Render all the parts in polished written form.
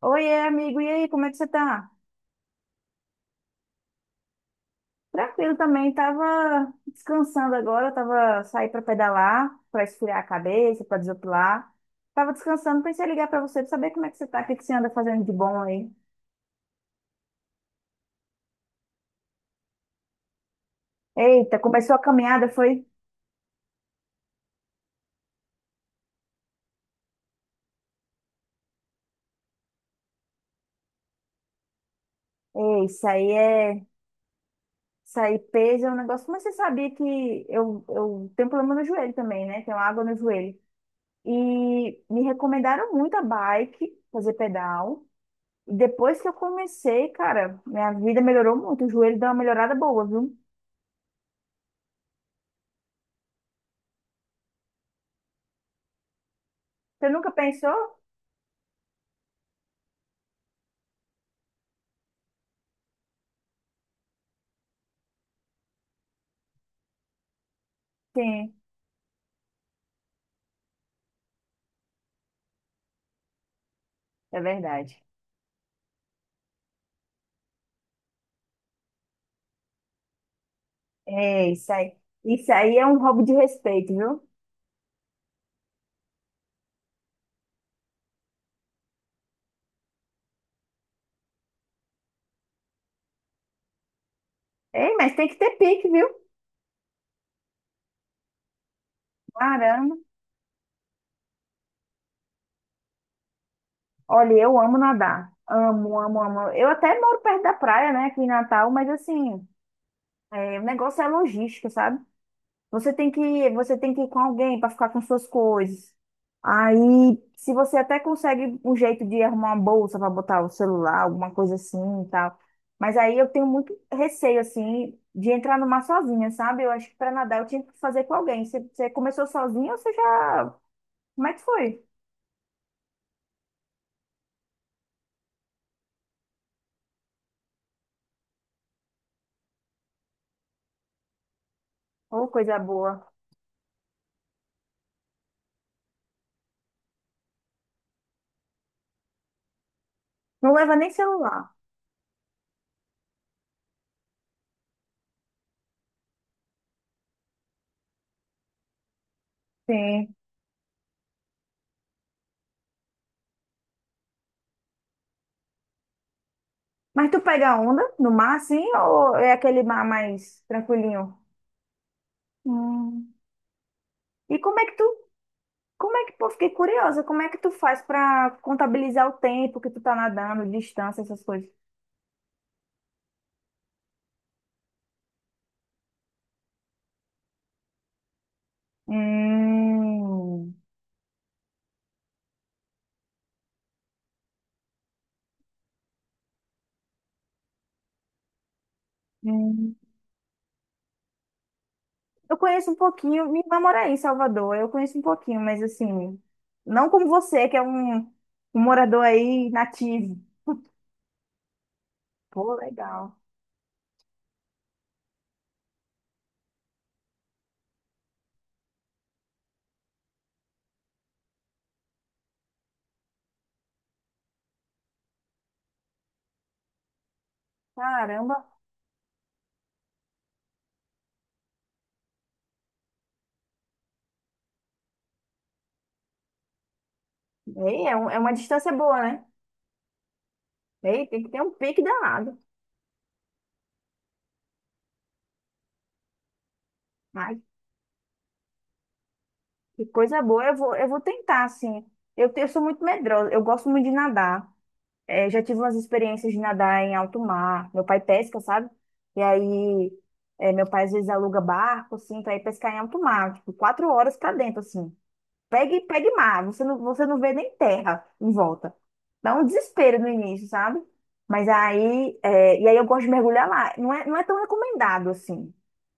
Oiê, amigo, e aí, como é que você tá? Tranquilo também, tava descansando agora, tava saí para pedalar, para esfriar a cabeça, para desopilar. Tava descansando, pensei em ligar para você para saber como é que você tá, o que que você anda fazendo de bom aí. Eita, começou a caminhada, foi? Ei, isso aí peso é um negócio, mas você sabia que eu tenho problema no joelho também, né? Tenho água no joelho. E me recomendaram muito a bike, fazer pedal. Depois que eu comecei, cara, minha vida melhorou muito. O joelho deu uma melhorada boa, viu? Você nunca pensou? Sim, é verdade. É, isso aí. Isso aí é um roubo de respeito, viu? Ei, mas tem que ter pique, viu? Caramba. Olha, eu amo nadar. Amo, amo, amo. Eu até moro perto da praia, né, aqui em Natal, mas assim, é, o negócio é logística, sabe? Você tem que ir com alguém para ficar com suas coisas. Aí, se você até consegue um jeito de arrumar uma bolsa para botar o celular, alguma coisa assim e tal. Mas aí eu tenho muito receio, assim, de entrar no mar sozinha, sabe? Eu acho que para nadar eu tinha que fazer com alguém. Você começou sozinha ou você já. Como é que foi? Ô, coisa boa. Não leva nem celular. Sim. Mas tu pega onda no mar, assim, ou é aquele mar mais tranquilinho? Hum. E como é que tu Como é que, pô, fiquei curiosa, como é que tu faz pra contabilizar o tempo que tu tá nadando, distância, essas coisas? Hum, hum. Eu conheço um pouquinho, minha irmã mora aí em Salvador, eu conheço um pouquinho, mas assim, não como você, que é um morador aí nativo. Pô, legal. Caramba. Ei, é, é uma distância boa, né? Ei, tem que ter um pique danado. Ai, que coisa boa. Eu vou tentar, assim. Eu sou muito medrosa. Eu gosto muito de nadar. É, já tive umas experiências de nadar em alto mar. Meu pai pesca, sabe? E aí, meu pai às vezes aluga barco, assim, pra ir pescar em alto mar, tipo, 4 horas pra dentro, assim. Pegue, pegue mar, você não vê nem terra em volta. Dá um desespero no início, sabe? Mas aí, e aí eu gosto de mergulhar lá. Não é tão recomendado assim.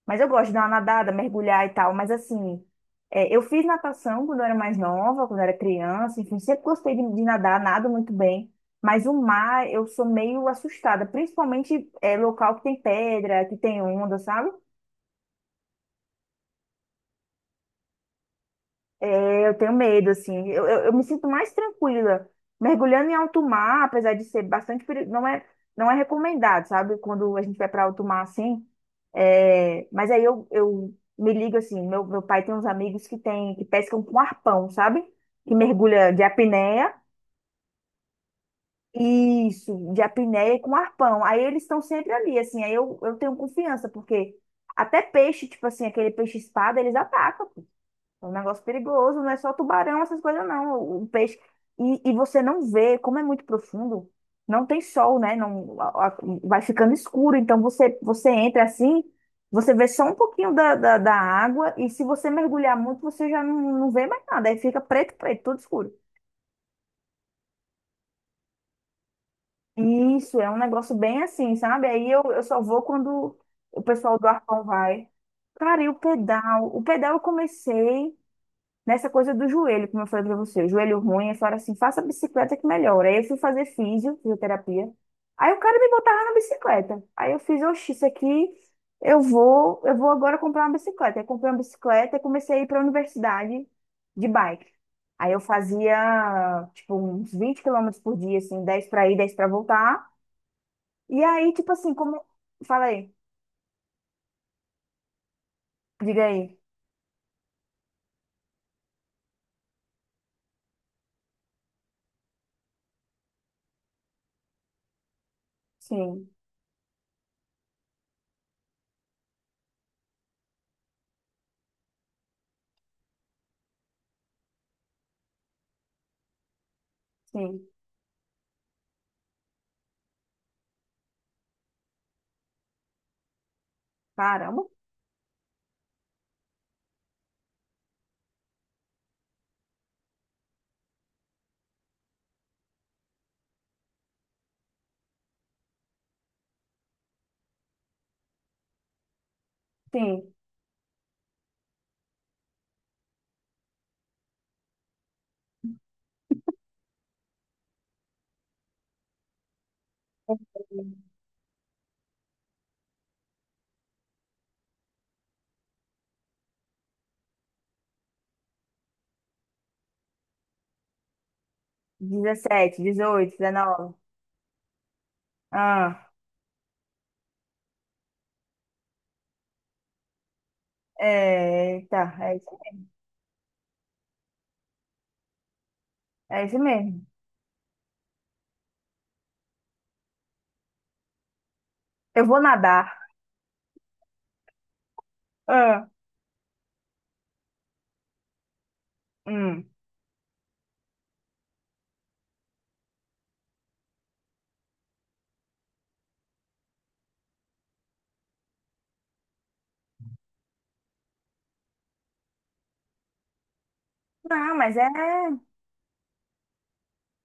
Mas eu gosto de dar uma nadada, mergulhar e tal. Mas assim, eu fiz natação quando eu era mais nova, quando eu era criança, enfim, sempre gostei de nadar, nado muito bem. Mas o mar, eu sou meio assustada, principalmente local que tem pedra, que tem onda, sabe? É, eu tenho medo, assim. Eu me sinto mais tranquila. Mergulhando em alto mar, apesar de ser bastante perigoso, não é recomendado, sabe? Quando a gente vai para alto mar, assim. É, mas aí eu me ligo, assim, meu pai tem uns amigos que tem, que pescam com arpão, sabe? Que mergulha de apneia. Isso, de apneia e com arpão. Aí eles estão sempre ali, assim. Aí eu tenho confiança, porque até peixe, tipo assim, aquele peixe-espada, eles atacam. É um negócio perigoso, não é só tubarão, essas coisas não. O peixe. E você não vê, como é muito profundo, não tem sol, né? Não, vai ficando escuro. Então você entra assim, você vê só um pouquinho da água, e se você mergulhar muito, você já não vê mais nada. Aí fica preto, preto, tudo escuro. Isso, é um negócio bem assim, sabe? Aí eu só vou quando o pessoal do arpão vai. Cara, e o pedal? O pedal eu comecei nessa coisa do joelho, como eu falei pra você, o joelho ruim, eu falei assim, faça bicicleta que melhora. Aí eu fui fazer físio, fisioterapia. Aí o cara me botava na bicicleta. Aí eu fiz, oxi, isso aqui eu vou agora comprar uma bicicleta. Aí comprei uma bicicleta e comecei a ir para a universidade de bike. Aí eu fazia, tipo, uns 20 quilômetros por dia, assim, 10 para ir, 10 para voltar. E aí, tipo assim, Falei, diga aí. Sim, sim. Caramba. Sim. 17, 18 19. Ah, é, tá, é isso mesmo. Eu vou nadar. Ah, hum. Não, mas é,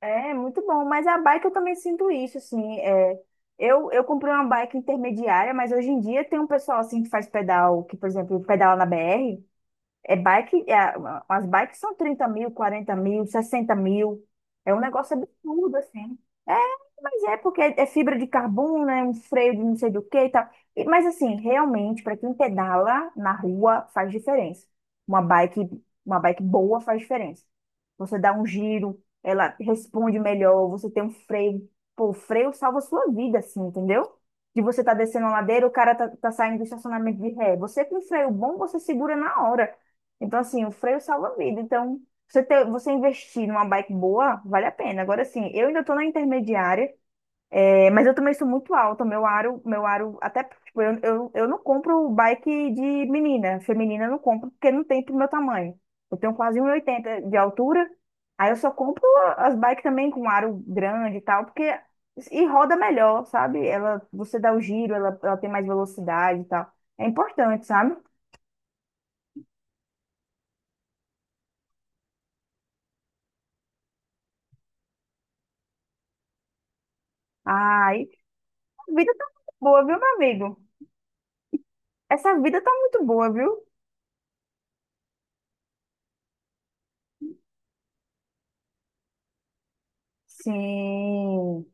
é muito bom. Mas a bike eu também sinto isso, assim. É, eu comprei uma bike intermediária, mas hoje em dia tem um pessoal assim que faz pedal, que, por exemplo, pedala na BR. É bike, as bikes são 30 mil, 40 mil, 60 mil. É um negócio absurdo, assim. É, mas é porque é fibra de carbono, é um freio de não sei do que e tal. Mas assim, realmente, para quem pedala na rua, faz diferença. Uma bike, uma bike boa faz diferença. Você dá um giro, ela responde melhor, você tem um freio. Pô, o freio salva a sua vida, assim, entendeu? De você tá descendo a ladeira, o cara tá saindo do estacionamento de ré. Você com um freio bom, você segura na hora. Então, assim, o freio salva a vida. Então, você investir numa bike boa, vale a pena. Agora, assim, eu ainda tô na intermediária. É, mas eu também sou muito alta, meu aro, até, tipo, eu não compro bike de menina, feminina eu não compro, porque não tem pro meu tamanho. Eu tenho quase 1,80 de altura, aí eu só compro as bikes também com aro grande e tal, porque, e roda melhor, sabe? Ela, você dá o giro, ela tem mais velocidade e tal. É importante, sabe? Ai, a vida tá muito boa, viu, meu amigo? Essa vida tá muito boa, viu? Sim,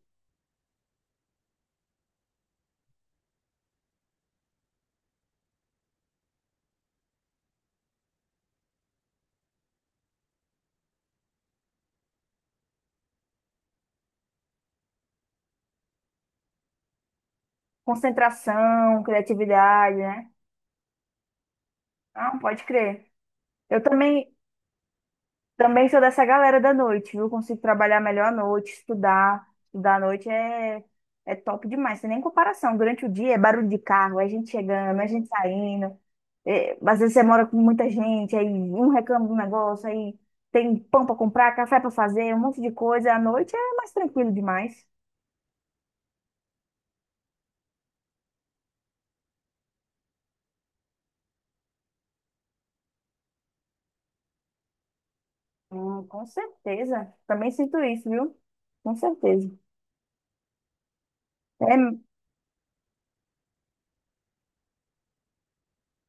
concentração, criatividade, né? Ah, pode crer. Eu também sou dessa galera da noite, viu? Consigo trabalhar melhor à noite, estudar. Estudar à noite é top demais, sem nem comparação. Durante o dia é barulho de carro, é gente chegando, é gente saindo. É, às vezes você mora com muita gente, aí um reclama do negócio, aí tem pão pra comprar, café pra fazer, um monte de coisa. À noite é mais tranquilo demais. Com certeza. Também sinto isso, viu? Com certeza. É,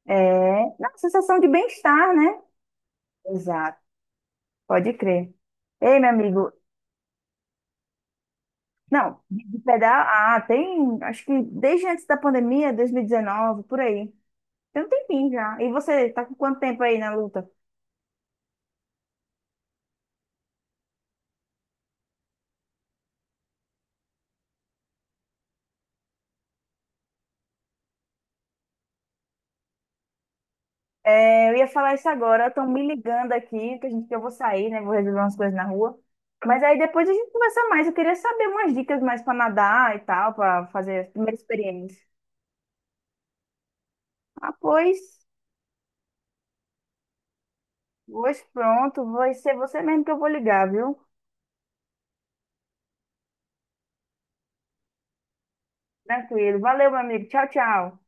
é, não, sensação de bem-estar, né? Exato. Pode crer. Ei, meu amigo, não, de pedal, ah, tem, acho que desde antes da pandemia, 2019, por aí. Tem um tempinho já. E você, tá com quanto tempo aí na luta? É, eu ia falar isso agora, estão me ligando aqui, que a gente, que eu vou sair, né, vou resolver umas coisas na rua. Mas aí depois a gente conversa mais, eu queria saber umas dicas mais para nadar e tal, para fazer as primeiras experiências. Ah, pois, hoje pronto, vai ser você mesmo que eu vou ligar, viu? Tranquilo. Valeu, meu amigo. Tchau, tchau.